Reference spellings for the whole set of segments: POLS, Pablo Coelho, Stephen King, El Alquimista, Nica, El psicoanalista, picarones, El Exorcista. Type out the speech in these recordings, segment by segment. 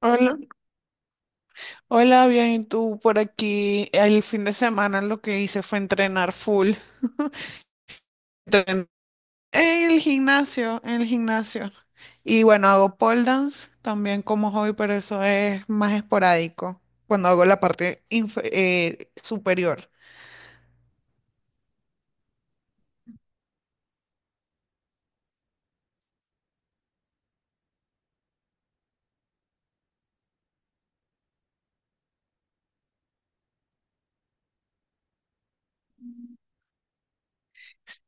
Hola, hola, bien, ¿y tú por aquí? El fin de semana lo que hice fue entrenar full. Entren- En el gimnasio, en el gimnasio. Y bueno, hago pole dance también como hobby, pero eso es más esporádico, cuando hago la parte superior.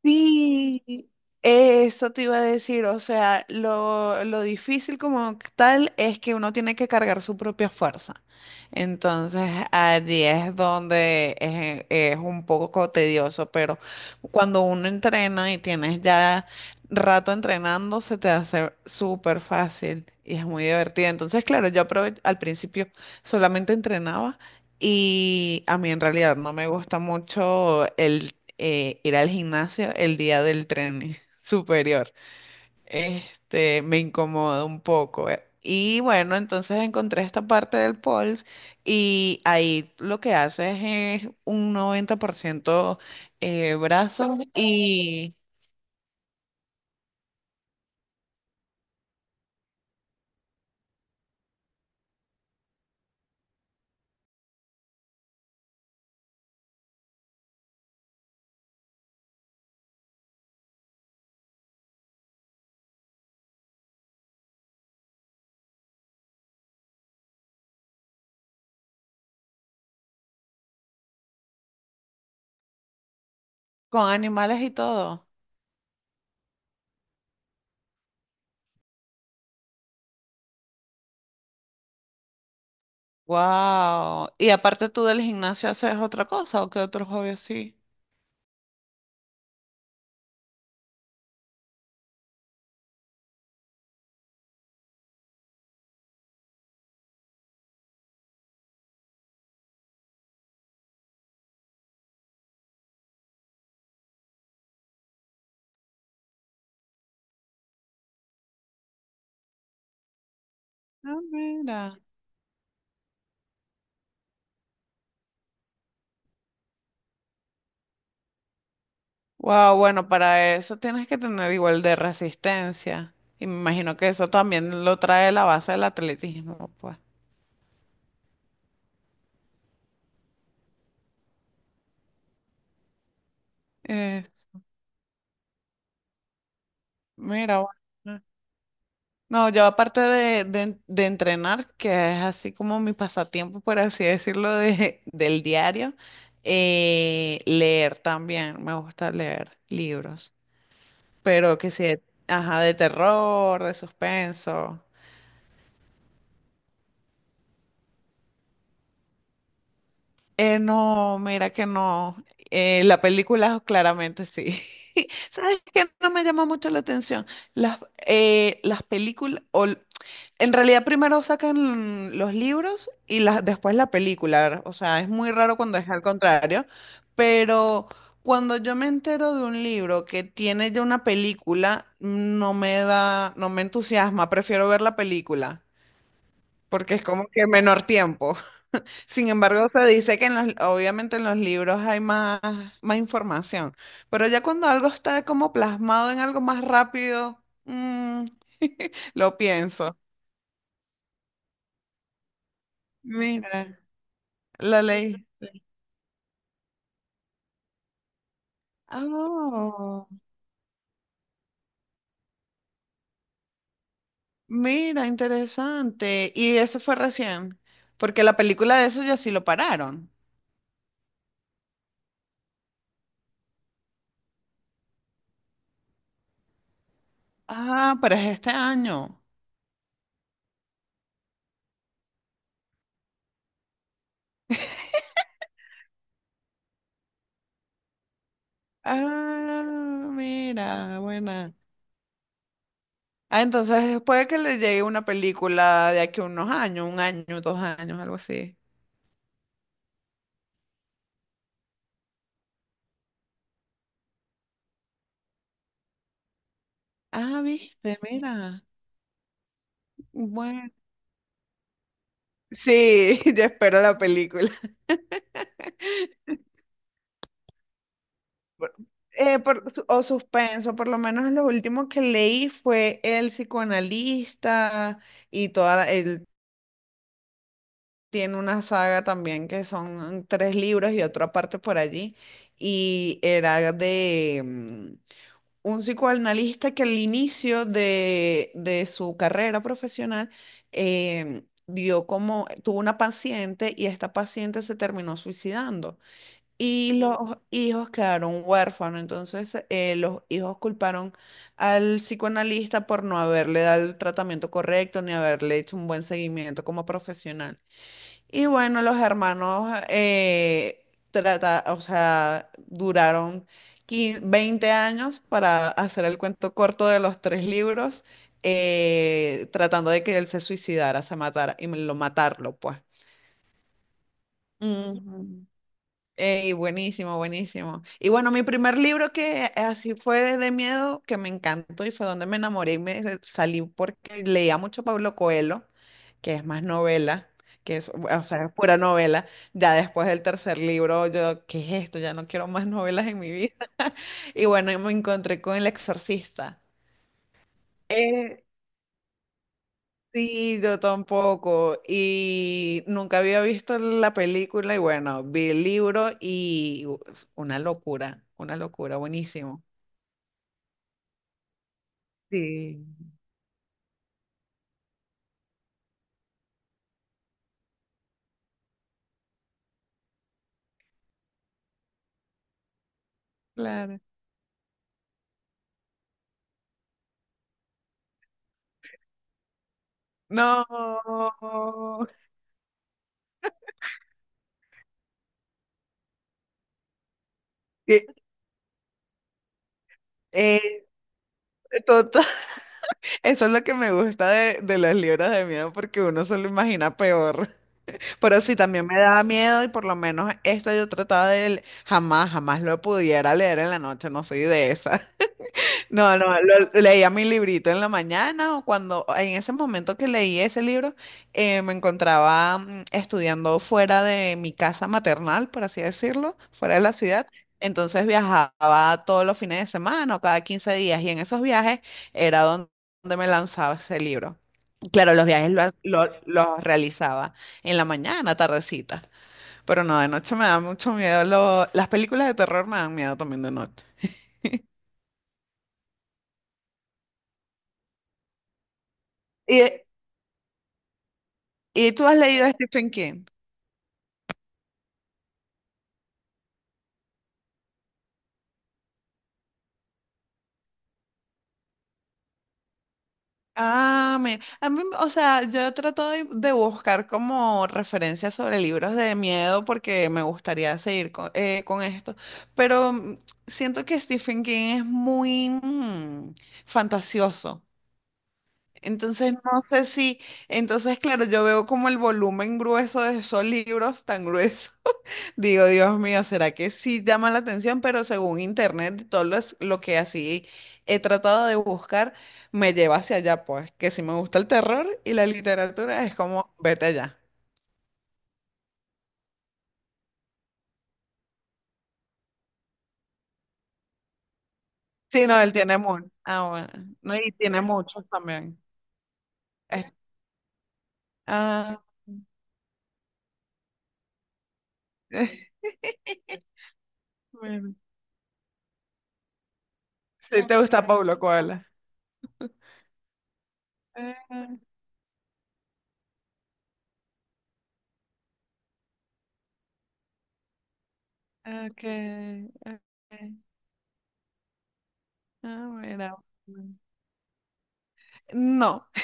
Sí, eso te iba a decir, o sea, lo difícil como tal es que uno tiene que cargar su propia fuerza. Entonces, allí es donde es un poco tedioso, pero cuando uno entrena y tienes ya rato entrenando, se te hace súper fácil y es muy divertido. Entonces, claro, yo al principio solamente entrenaba. Y a mí en realidad no me gusta mucho el ir al gimnasio el día del tren superior. Este, me incomoda un poco. Y bueno, entonces encontré esta parte del POLS y ahí lo que haces es un 90% brazos y con animales y todo. Wow. ¿Y aparte tú del gimnasio haces otra cosa o qué otro hobby así? Ah, mira. Wow, bueno, para eso tienes que tener igual de resistencia. Y me imagino que eso también lo trae la base del atletismo, pues. Eh, mira, bueno. No, yo aparte de entrenar, que es así como mi pasatiempo, por así decirlo, del diario, leer también, me gusta leer libros, pero que sí, ajá, de terror, de suspenso. No, mira que no. La película claramente sí. ¿Sabes qué? No me llama mucho la atención. Las, las películas, en realidad primero sacan los libros y las después la película. O sea, es muy raro cuando es al contrario, pero cuando yo me entero de un libro que tiene ya una película, no me da, no me entusiasma, prefiero ver la película, porque es como que menor tiempo. Sin embargo, se dice que en los, obviamente en los libros hay más, más información, pero ya cuando algo está como plasmado en algo más rápido, mm, lo pienso. Mira, la ley. Oh, mira, interesante. Y eso fue recién, porque la película de eso ya sí lo pararon. Ah, pero es este año. Ah, mira, buena. Ah, entonces puede que le llegue una película de aquí a unos años, un año, dos años, algo así. Ah, viste, mira. Bueno, sí, yo espero la película. Por- o suspenso, por lo menos lo último que leí fue El psicoanalista y toda, él tiene una saga también que son tres libros y otra parte por allí y era de, un psicoanalista que al inicio de su carrera profesional tuvo una paciente y esta paciente se terminó suicidando y los, sí, hijos quedaron huérfanos. Entonces los hijos culparon al psicoanalista por no haberle dado el tratamiento correcto ni haberle hecho un buen seguimiento como profesional. Y bueno, los hermanos o sea, duraron 15 20 años para hacer el cuento corto de los tres libros, tratando de que él se suicidara, se matara y lo matarlo, pues. Mm. Ujú. Ey, buenísimo, buenísimo. Y bueno, mi primer libro que así fue de miedo, que me encantó y fue donde me enamoré y salí porque leía mucho Pablo Coelho, que es más novela, que es, o sea, es pura novela. Ya después del tercer libro, yo, ¿qué es esto? Ya no quiero más novelas en mi vida. Y bueno, y me encontré con El Exorcista. Eh, Sí, yo tampoco. Y nunca había visto la película y bueno, vi el libro y una locura, buenísimo. Sí, claro. No. Sí, eh, total, eso es lo que me gusta de los libros de miedo porque uno se lo imagina peor. Pero sí, también me da miedo y por lo menos esta yo trataba de. Jamás, jamás lo pudiera leer en la noche, no soy de esa. No, no, leía mi librito en la mañana o cuando, en ese momento que leí ese libro, me encontraba estudiando fuera de mi casa maternal, por así decirlo, fuera de la ciudad. Entonces viajaba todos los fines de semana o cada 15 días y en esos viajes era donde me lanzaba ese libro. Claro, los viajes los realizaba en la mañana, tardecita, pero no, de noche me da mucho miedo. Las películas de terror me dan miedo también de noche. Y, ¿Y tú has leído a Stephen King? Ah, a mí, o sea, yo trato de buscar como referencias sobre libros de miedo porque me gustaría seguir con esto, pero siento que Stephen King es muy fantasioso. Entonces, no sé si, entonces, claro, yo veo como el volumen grueso de esos libros tan gruesos. Digo, Dios mío, ¿será que sí llama la atención? Pero según internet, todo lo que así he tratado de buscar me lleva hacia allá, pues, que si me gusta el terror y la literatura es como, vete allá. Sí, no, él tiene mucho. Ah, bueno. No, y tiene muchos también. Eh, ah, bueno. Sí, te gusta Pablo Coelho. Ah, ok, ok. Ah, mira. No.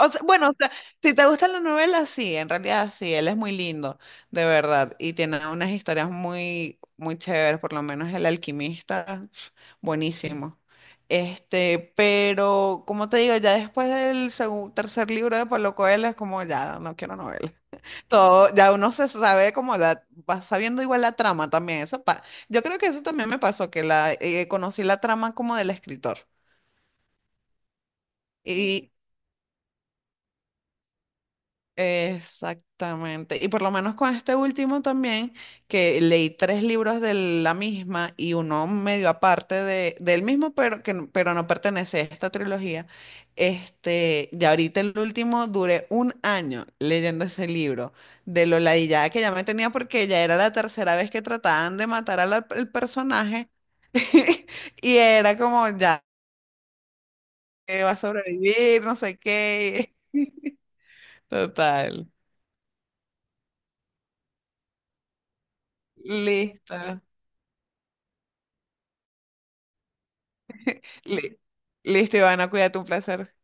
O sea, bueno, o sea, si te gustan las novelas, sí, en realidad sí, él es muy lindo, de verdad, y tiene unas historias muy, muy chéveres, por lo menos El Alquimista, buenísimo. Este, pero como te digo, ya después del tercer libro de Pablo Coelho es como ya, no quiero novelas. Todo, ya uno se sabe como va sabiendo igual la trama también, eso pa, yo creo que eso también me pasó, que conocí la trama como del escritor. Exactamente. Y por lo menos con este último también, que leí tres libros de la misma y uno medio aparte del mismo, pero no pertenece a esta trilogía. Este, y ahorita el último duré un año leyendo ese libro, de lo ladillada que ya me tenía porque ya era la tercera vez que trataban de matar al personaje. Y era como, ya, va a sobrevivir, no sé qué. Total. Listo. Li- Listo, Ivana, cuídate, un placer.